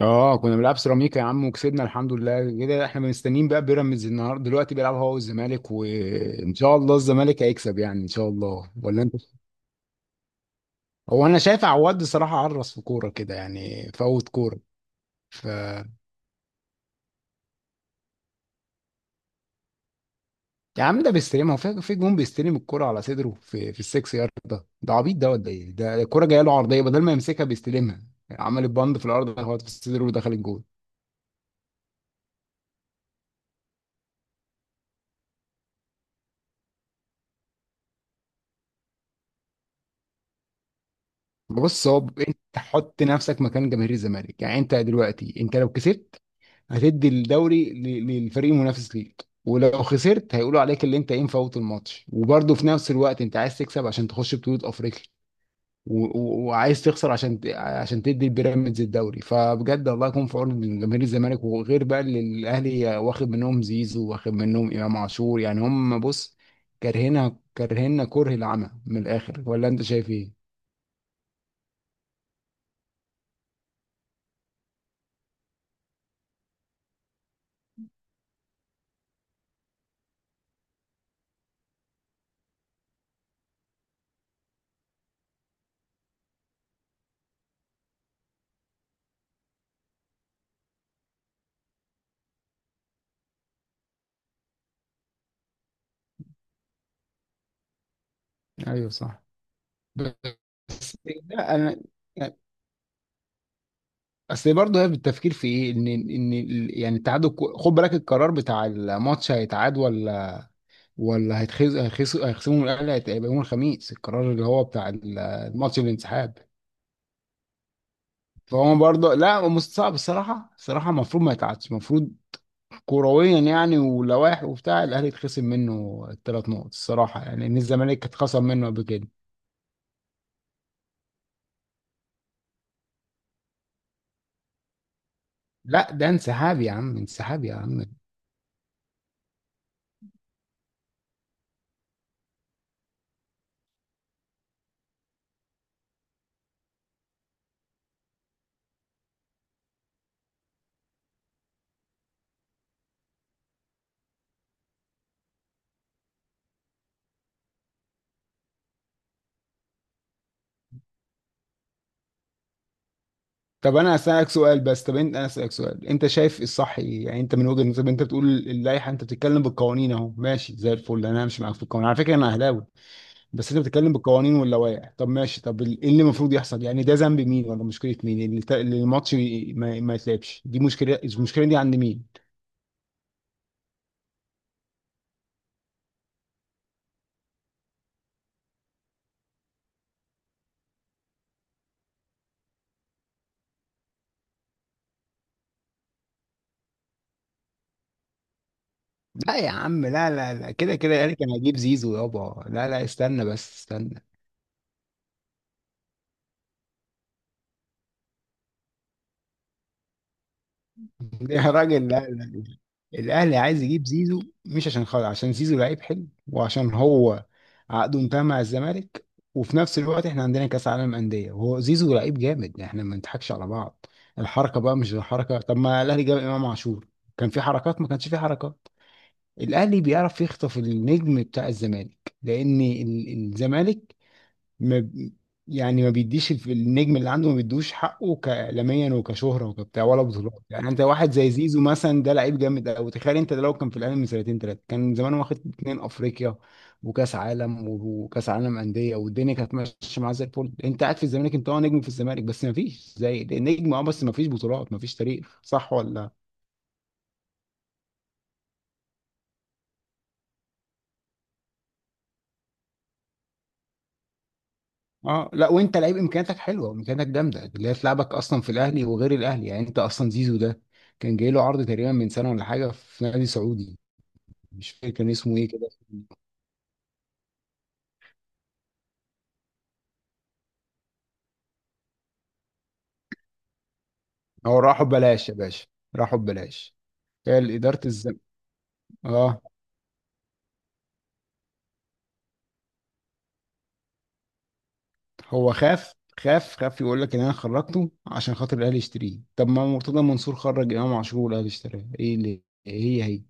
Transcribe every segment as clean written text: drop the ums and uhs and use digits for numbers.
اه كنا بنلعب سيراميكا يا عم وكسبنا الحمد لله كده. احنا مستنيين بقى بيراميدز النهارده، دلوقتي بيلعب هو والزمالك، وان شاء الله الزمالك هيكسب، ان شاء الله، ولا انت؟ هو انا شايف عواد صراحه عرس في كوره كده، فوت كوره. ف يا عم ده بيستلمها هو في في جون، بيستلم الكوره على صدره في في السكس يارد. ده ده عبيط ده ولا ايه؟ ده الكوره جايه له عرضيه، بدل ما يمسكها بيستلمها، عمل البند في الارض، هو في صدره ودخل الجون. بص، انت حط نفسك مكان جماهير الزمالك، انت دلوقتي انت لو كسبت هتدي الدوري للفريق المنافس ليك، ولو خسرت هيقولوا عليك اللي انت ايه مفوت الماتش، وبرضه في نفس الوقت انت عايز تكسب عشان تخش بطولة افريقيا و- و- وعايز تخسر عشان تدي البيراميدز الدوري. فبجد الله يكون في عون جماهير الزمالك، وغير بقى اللي الاهلي واخد منهم زيزو واخد منهم امام عاشور، هم بص، كارهنا كره العمى من الاخر، ولا انت شايف ايه؟ ايوه صح. بس لا انا اصل برضه هي بالتفكير في ايه، يعني التعادل، خد بالك القرار بتاع الماتش هيتعاد ولا، ولا هيتخز هيخس هيخصموا من الاهلي، هيبقى يوم الخميس القرار اللي هو بتاع الماتش، الانسحاب. فهو برضه لا، هو مستصعب الصراحه. المفروض ما يتعادش، المفروض كرويا يعني ولوائح وبتاع، الاهلي يتخصم منه الثلاث نقط الصراحه، يعني ان الزمالك اتخصم منه قبل كده. لا ده انسحاب يا عم، انسحاب يا عم. طب انا اسالك سؤال، بس طب انت انا اسالك سؤال، انت شايف الصح ايه يعني؟ انت من وجهه نظرك انت بتقول اللائحه، انت بتتكلم بالقوانين، اهو ماشي زي الفل، انا همشي معاك في القوانين، على فكره انا اهلاوي، بس انت بتتكلم بالقوانين واللوائح. طب ماشي، ايه اللي المفروض يحصل يعني؟ ده ذنب مين، ولا مشكله مين اللي الماتش ما يتلعبش؟ دي مشكله، المشكله دي عند مين؟ لا يا عم، لا كده كده، يعني كان هجيب زيزو يابا؟ لا لا، استنى بس استنى. يا راجل لا. الاهلي عايز يجيب زيزو مش عشان خاطر، عشان زيزو لعيب حلو، وعشان هو عقده انتهى مع الزمالك، وفي نفس الوقت احنا عندنا كاس عالم انديه، وهو زيزو لعيب جامد، احنا ما نضحكش على بعض. الحركه بقى مش الحركه، طب ما الاهلي جاب امام عاشور، كان في حركات؟ ما كانش في حركات. الاهلي بيعرف يخطف النجم بتاع الزمالك، لان الزمالك ما ب- يعني ما بيديش النجم اللي عنده، ما بيدوش حقه كاعلاميا وكشهره وكبتاع، ولا بطولات، يعني انت واحد زي زيزو مثلا، ده لعيب جامد قوي، تخيل انت ده لو كان في الاهلي من سنتين ثلاثه، كان زمان واخد اتنين افريقيا وكاس عالم، وكاس عالم انديه، والدنيا كانت ماشيه معاه زي الفل. انت قاعد في الزمالك، انت اه نجم في الزمالك، بس ما فيش زي ده نجم، اه بس ما فيش بطولات، ما فيش تاريخ، صح ولا؟ اه لا، وانت لعيب امكانياتك حلوه، وامكانياتك جامده، اللي هي تلعبك اصلا في الاهلي وغير الاهلي، يعني انت اصلا زيزو ده كان جاي له عرض تقريبا من سنه ولا حاجه في نادي سعودي، مش فاكر كان اسمه ايه كده. هو راحوا ببلاش يا باشا، راحوا ببلاش. هي اداره الزم اه، هو خاف، خاف يقول لك ان انا خرجته عشان خاطر الاهلي يشتريه، طب ما مرتضى منصور خرج امام عاشور والاهلي اشتراه، ايه اللي إيه، هي؟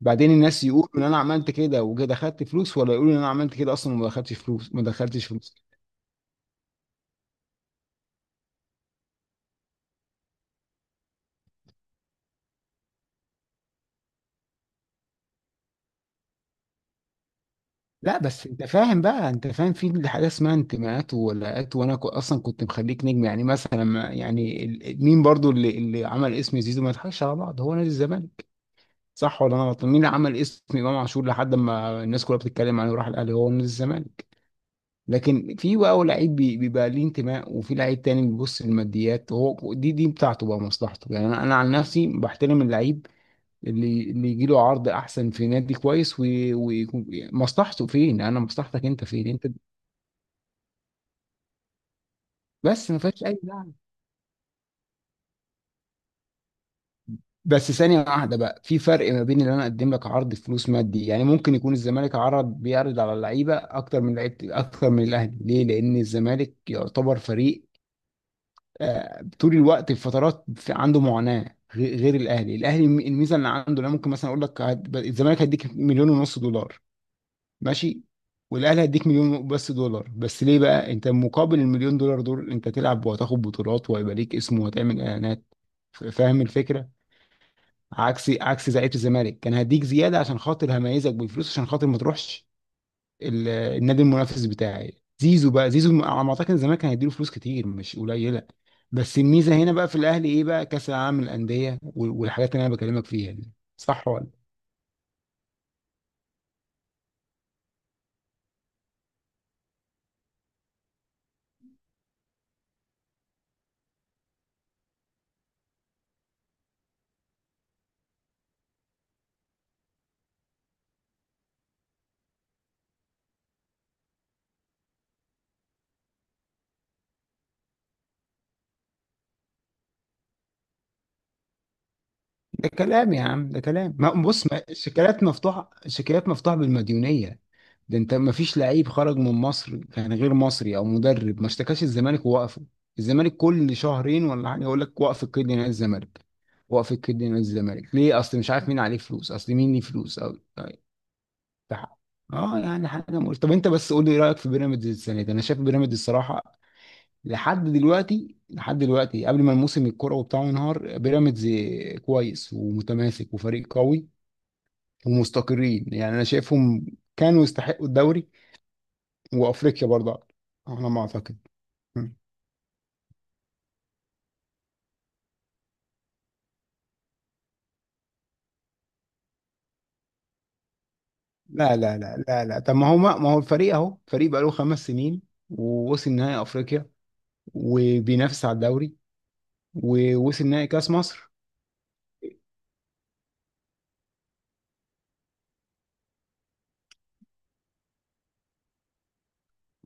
بعدين الناس يقولوا ان انا عملت كده وجا دخلت فلوس، ولا يقولوا ان انا عملت كده اصلا وما دخلتش فلوس؟ ما دخلتش فلوس. لا بس انت فاهم بقى، انت فاهم في حاجه اسمها انتماءات وولاءات، وانا كو- اصلا كنت مخليك نجم، يعني مثلا مين برضو اللي عمل اسم زيزو، ما يضحكش على بعض، هو نادي الزمالك. صح ولا انا غلطان؟ مين اللي عمل اسم امام عاشور لحد ما الناس كلها بتتكلم عليه وراح الاهلي؟ هو نادي الزمالك. لكن في بقى لعيب بيبقى ليه انتماء، وفي لعيب تاني بيبص للماديات، هو دي بتاعته بقى، مصلحته. يعني انا عن نفسي بحترم اللعيب اللي يجي له عرض احسن في نادي كويس ومصلحته فين، انا مصلحتك انت فين انت، بس ما فيهاش اي لعب. بس ثانيه واحده بقى، في فرق ما بين اللي انا اقدم لك عرض فلوس مادي، يعني ممكن يكون الزمالك بيعرض على اللعيبه اكتر من لعيبه اكتر من الاهلي، ليه؟ لان الزمالك يعتبر فريق طول الوقت في فترات في عنده معاناه غير الاهلي، الميزه اللي عنده انا، ممكن مثلا اقول لك الزمالك هيديك مليون ونص دولار، ماشي؟ والاهلي هيديك مليون بس دولار، بس ليه بقى؟ انت مقابل المليون دولار دول، انت تلعب وهتاخد بطولات، وهيبقى ليك اسم، وهتعمل اعلانات. فاهم الفكره؟ عكسي عكس زعيمه، الزمالك كان هديك زياده عشان خاطر هميزك بالفلوس عشان خاطر ما تروحش النادي المنافس بتاعي. زيزو بقى، زيزو على ما اعتقد الزمالك كان هيديله فلوس كتير مش قليله، بس الميزه هنا بقى في الاهلي ايه بقى؟ كاس العالم للانديه، والحاجات اللي انا بكلمك فيها دي، صح ولا؟ ده كلام يا عم ده كلام، ما بص، ما الشيكالات مفتوحة، الشيكالات مفتوحة بالمديونية. ده انت ما فيش لعيب خرج من مصر كان غير مصري او مدرب ما اشتكاش الزمالك ووقفه. الزمالك كل شهرين ولا حاجة يقول لك وقف القيد نادي الزمالك، وقف القيد نادي الزمالك، ليه؟ اصل مش عارف مين عليه فلوس، اصل مين ليه فلوس، او طيب، ده حق. اه، يعني حاجة مقول. طب انت بس قول لي رأيك في بيراميدز السنة دي. انا شايف بيراميدز الصراحة، لحد دلوقتي قبل ما الموسم الكروي بتاعه ينهار، بيراميدز كويس ومتماسك وفريق قوي، ومستقرين، يعني انا شايفهم كانوا يستحقوا الدوري وافريقيا برضه على ما اعتقد. م. لا طب ما هو ما ما هو الفريق اهو، فريق بقاله خمس سنين، ووصل نهائي افريقيا، وبينافس على الدوري، ووصل نهائي كاس مصر.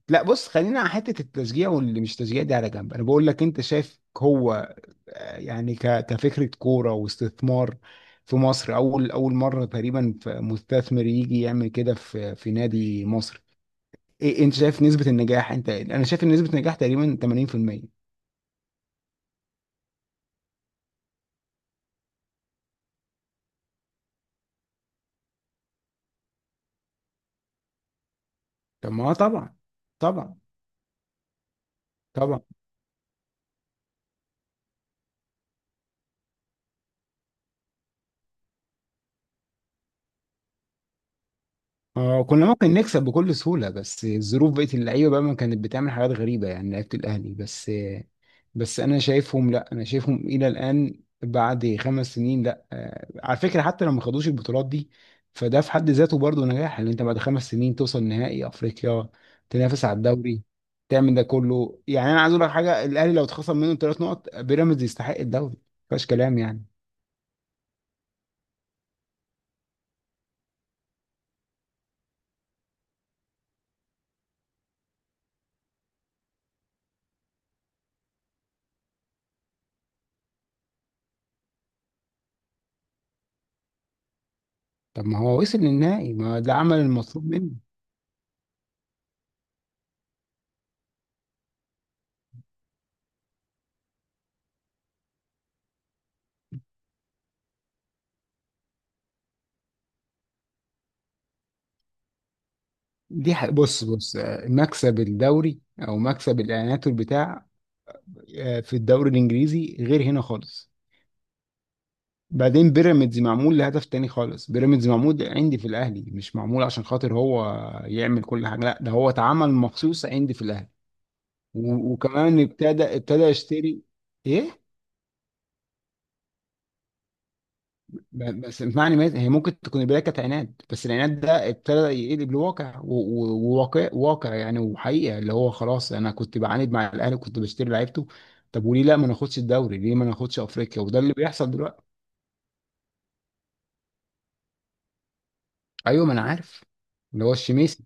لا بص، خلينا على حته التشجيع واللي مش تشجيع دي على جنب، انا بقول لك انت شايف هو يعني كفكرة كورة واستثمار في مصر، أول مرة تقريبا مستثمر يجي يعمل كده في نادي مصري، إيه؟ أنت شايف نسبة النجاح؟ أنت أنا شايف إن نسبة النجاح تقريبا 80%. طب ما هو طبعا، طبعا طبعا. اه كنا ممكن نكسب بكل سهولة، بس الظروف بقت، اللعيبة بقى ما كانت بتعمل حاجات غريبة، يعني لعيبة الأهلي بس. بس أنا شايفهم، لا أنا شايفهم إلى الآن بعد خمس سنين، لا آه، على فكرة حتى لو ما خدوش البطولات دي، فده في حد ذاته برضه نجاح، إن أنت بعد خمس سنين توصل نهائي أفريقيا، تنافس على الدوري، تعمل ده كله، يعني أنا عايز أقول لك حاجة، الأهلي لو اتخصم منه ثلاث نقط بيراميدز يستحق الدوري، ما فيهاش كلام يعني. طب ما هو وصل للنهائي، ما ده عمل المطلوب منه. دي بص، مكسب الدوري او مكسب الاعلانات والبتاع، آه، في الدوري الانجليزي غير هنا خالص. بعدين بيراميدز معمول لهدف تاني خالص، بيراميدز معمول عندي في الاهلي، مش معمول عشان خاطر هو يعمل كل حاجه، لا ده هو اتعمل مخصوص عندي في الاهلي. وكمان ابتدى يشتري، ايه، بس معنى، ما هي ممكن تكون البدايه كانت عناد، بس العناد ده ابتدى يقلب لواقع و- و- وواقع، واقع، يعني وحقيقه اللي هو خلاص، انا كنت بعاند مع الاهلي وكنت بشتري لعيبته، طب وليه لا، ما ناخدش الدوري، ليه ما ناخدش افريقيا، وده اللي بيحصل دلوقتي. ايوه ما انا عارف، اللي هو الشميسي،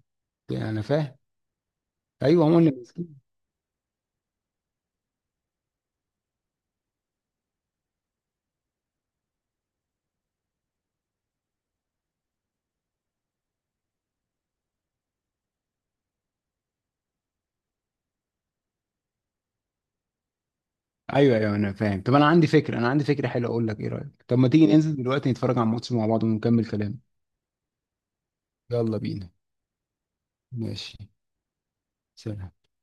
يعني انا فاهم. ايوه هم اللي ماسكين. ايوه، انا فاهم. طب انا عندي فكره، حلوه، اقول لك ايه رايك، طب ما تيجي ننزل دلوقتي نتفرج على الماتش مع بعض ونكمل كلام. يلا بينا. ماشي. سلام.